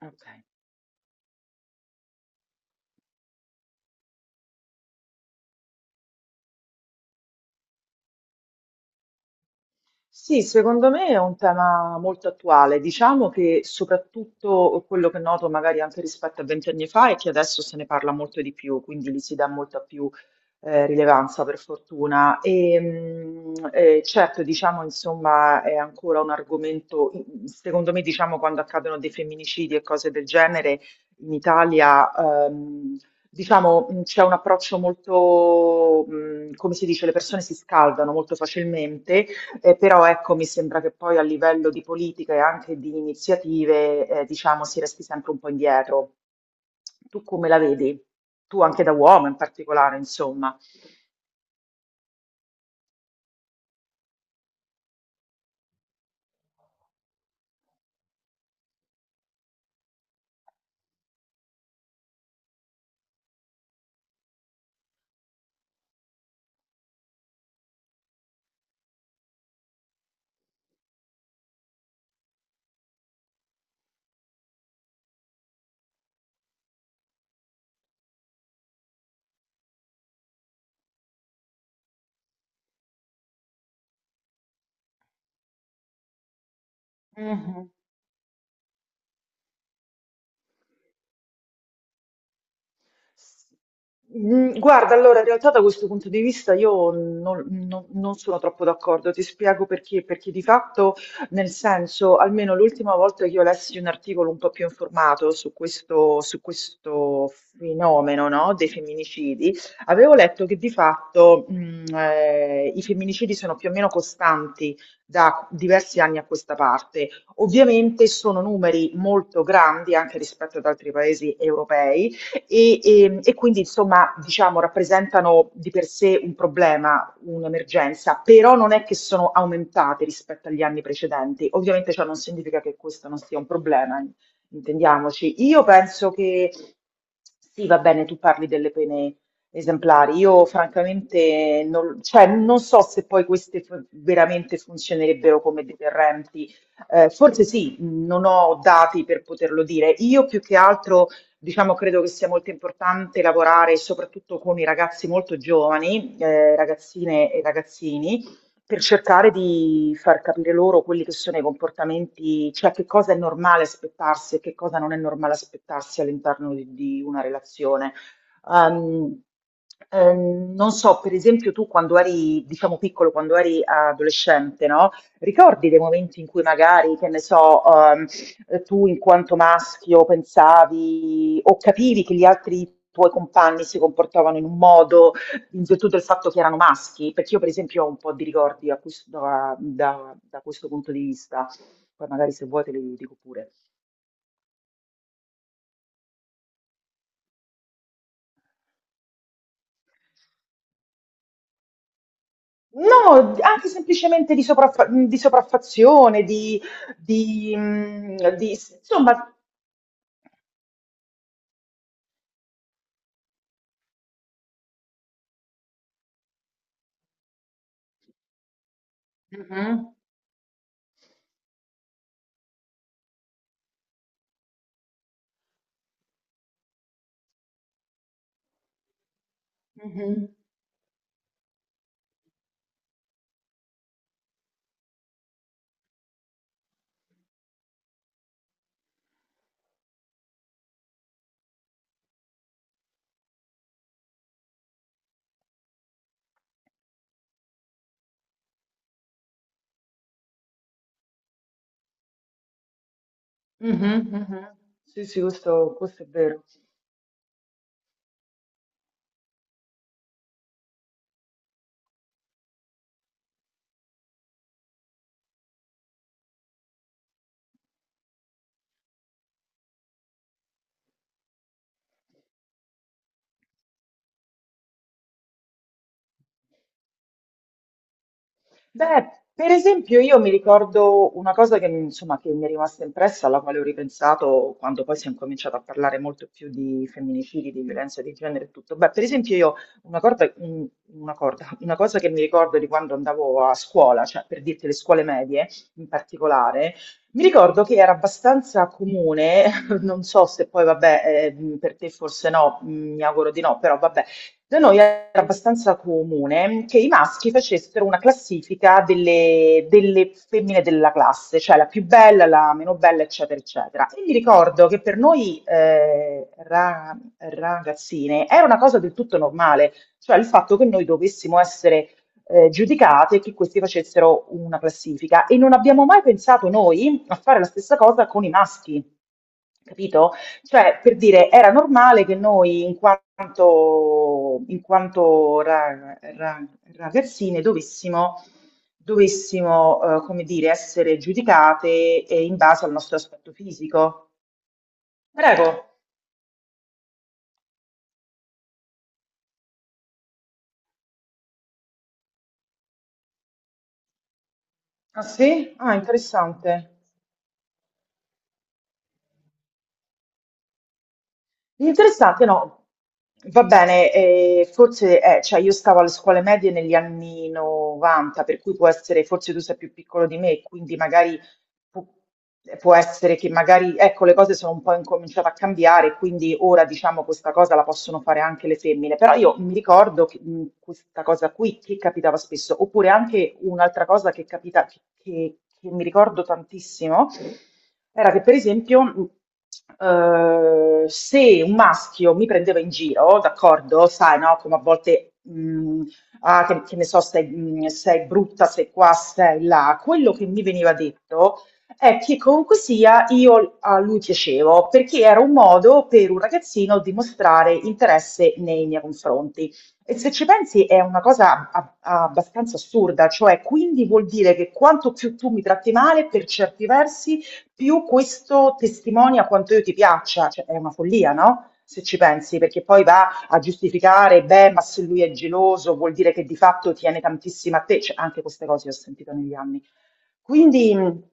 Ok. Sì, secondo me è un tema molto attuale. Diciamo che soprattutto quello che noto magari anche rispetto a vent'anni fa è che adesso se ne parla molto di più, quindi gli si dà molta più rilevanza per fortuna. E, certo, diciamo, insomma, è ancora un argomento, secondo me, diciamo, quando accadono dei femminicidi e cose del genere in Italia, ehm, diciamo, c'è un approccio molto, come si dice, le persone si scaldano molto facilmente. Però ecco, mi sembra che poi a livello di politica e anche di iniziative, diciamo, si resti sempre un po' indietro. Tu come la vedi? Tu anche da uomo in particolare, insomma. Mhm. Guarda, allora, in realtà da questo punto di vista io non sono troppo d'accordo, ti spiego perché, perché di fatto, nel senso, almeno l'ultima volta che io lessi un articolo un po' più informato su questo fenomeno, no, dei femminicidi, avevo letto che di fatto, i femminicidi sono più o meno costanti da diversi anni a questa parte. Ovviamente sono numeri molto grandi anche rispetto ad altri paesi europei e quindi insomma diciamo rappresentano di per sé un problema, un'emergenza, però non è che sono aumentate rispetto agli anni precedenti. Ovviamente ciò non significa che questo non sia un problema, intendiamoci. Io penso che sì, va bene, tu parli delle pene esemplari. Io francamente non, cioè, non so se poi veramente funzionerebbero come deterrenti. Forse sì, non ho dati per poterlo dire. Io più che altro diciamo, credo che sia molto importante lavorare soprattutto con i ragazzi molto giovani, ragazzine e ragazzini, per cercare di far capire loro quelli che sono i comportamenti, cioè che cosa è normale aspettarsi e che cosa non è normale aspettarsi all'interno di una relazione. Ehm, Non so, per esempio, tu quando eri, diciamo, piccolo, quando eri adolescente, no? Ricordi dei momenti in cui magari, che ne so, tu in quanto maschio pensavi o capivi che gli altri tuoi compagni si comportavano in un modo in virtù del fatto che erano maschi? Perché io per esempio ho un po' di ricordi a da questo punto di vista, poi magari se vuoi te li dico pure. No, anche semplicemente di sopraffazione, insomma. Mhm, mhm, mhm, mhm. Sì, sì, questo è vero. Beh, per esempio, io mi ricordo una cosa che, mi- insomma, che mi è rimasta impressa, alla quale ho ripensato quando poi si è incominciato a parlare molto più di femminicidi, di violenza di genere e tutto. Beh, per esempio, io una corda- un- una corda- una cosa che mi ricordo di quando andavo a scuola, cioè per dirti le scuole medie in particolare, mi ricordo che era abbastanza comune, non so se poi, vabbè, per te forse no, mi auguro di no, però vabbè da noi era abbastanza comune che i maschi facessero una classifica delle femmine della classe, cioè la più bella, la meno bella, eccetera, eccetera. E mi ricordo che per noi ragazzine era una cosa del tutto normale, cioè il fatto che noi dovessimo essere giudicate e che questi facessero una classifica. E non abbiamo mai pensato noi a fare la stessa cosa con i maschi, capito? Cioè, per dire, era normale che noi, in quanto ragazzine, dovessimo, come dire, essere giudicate in base al nostro aspetto fisico. Prego. Ah sì? Ah, interessante. Interessante, no. Va bene, forse, cioè io stavo alle scuole medie negli anni 90, per cui può essere, forse tu sei più piccolo di me, quindi magari Pu- può essere che magari, ecco, le cose sono un po' incominciate a cambiare, quindi ora diciamo questa cosa la possono fare anche le femmine, però io mi ricordo che, questa cosa qui che capitava spesso, oppure anche un'altra cosa che capita, che mi ricordo tantissimo, era che per esempio, se un maschio mi prendeva in giro, d'accordo, sai, no, come a volte, ah, che ne so, sei brutta, sei qua, sei là. Quello che mi veniva detto, è che comunque sia io a lui piacevo, perché era un modo per un ragazzino dimostrare interesse nei miei confronti. E se ci pensi è una cosa abbastanza assurda, cioè quindi vuol dire che quanto più tu mi tratti male, per certi versi, più questo testimonia quanto io ti piaccia. Cioè, è una follia, no? Se ci pensi, perché poi va a giustificare, beh, ma se lui è geloso, vuol dire che di fatto tiene tantissimo a te. Cioè, anche queste cose le ho sentite negli anni. Quindi mh,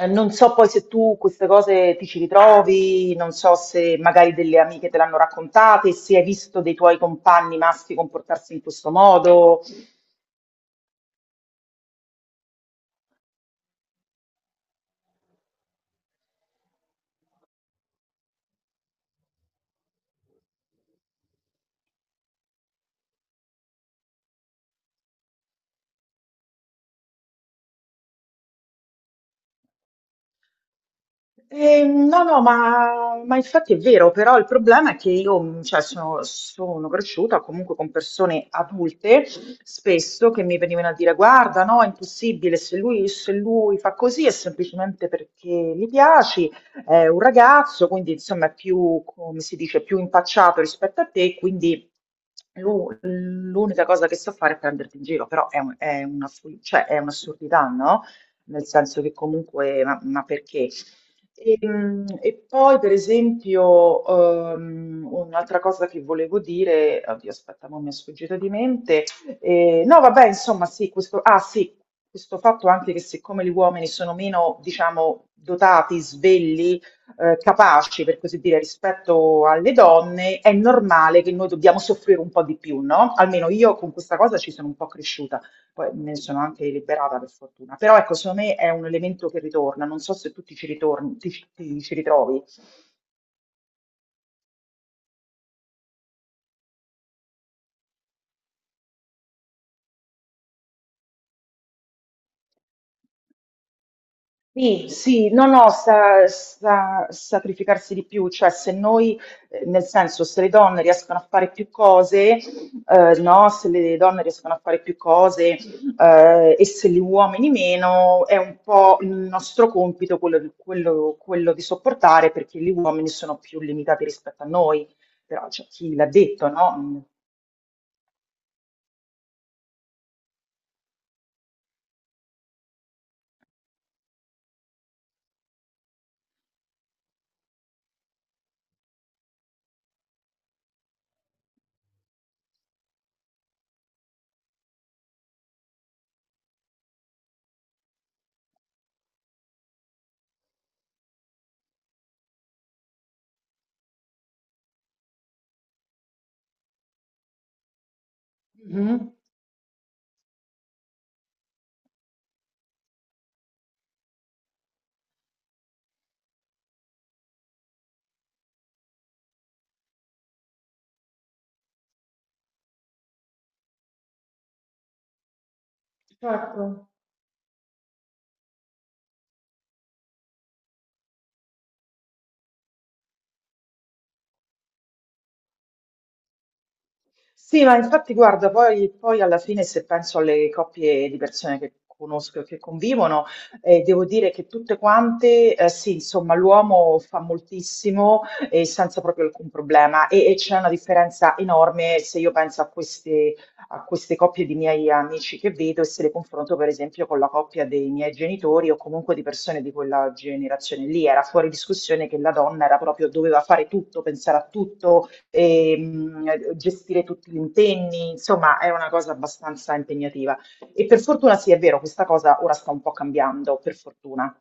eh, non so poi se tu queste cose ti ci ritrovi, non so se magari delle amiche te l'hanno raccontate, se hai visto dei tuoi compagni maschi comportarsi in questo modo. No, no, ma infatti è vero, però il problema è che io, cioè, sono cresciuta comunque con persone adulte, spesso che mi venivano a dire, guarda, no, è impossibile, se lui, se lui fa così è semplicemente perché gli piaci, è un ragazzo, quindi insomma è più, come si dice, più impacciato rispetto a te, quindi l'unica cosa che so fare è prenderti in giro, però è, è una, cioè, è un'assurdità, no? Nel senso che comunque, ma perché? E, e poi, per esempio, un'altra cosa che volevo dire, oddio, aspetta, mo mi è sfuggita di mente. No, vabbè, insomma, sì, questo, ah, sì, questo fatto anche che siccome gli uomini sono meno, diciamo, dotati, svegli, capaci, per così dire, rispetto alle donne, è normale che noi dobbiamo soffrire un po' di più, no? Almeno io con questa cosa ci sono un po' cresciuta. Poi me ne sono anche liberata per fortuna. Però ecco, secondo me è un elemento che ritorna. Non so se tu ti ci ritorni, ti ci ritrovi. Sì, sì, no, no, sacrificarsi di più, cioè se noi, nel senso, se le donne riescono a fare più cose, no, se le donne riescono a fare più cose, e se gli uomini meno, è un po' il nostro compito quello di, quello- quello di sopportare perché gli uomini sono più limitati rispetto a noi, però c'è chi l'ha detto, no? Mhm, certo. Sì, ma infatti guarda, poi, poi alla fine se penso alle coppie di persone che conosco e che convivono, devo dire che tutte quante, sì, insomma, l'uomo fa moltissimo e senza proprio alcun problema e c'è una differenza enorme se io penso a queste coppie di miei amici che vedo e se le confronto per esempio con la coppia dei miei genitori o comunque di persone di quella generazione lì, era fuori discussione che la donna era proprio, doveva fare tutto, pensare a tutto, gestire tutti gli impegni, insomma è una cosa abbastanza impegnativa. E per fortuna sì, è vero, questa cosa ora sta un po' cambiando, per fortuna.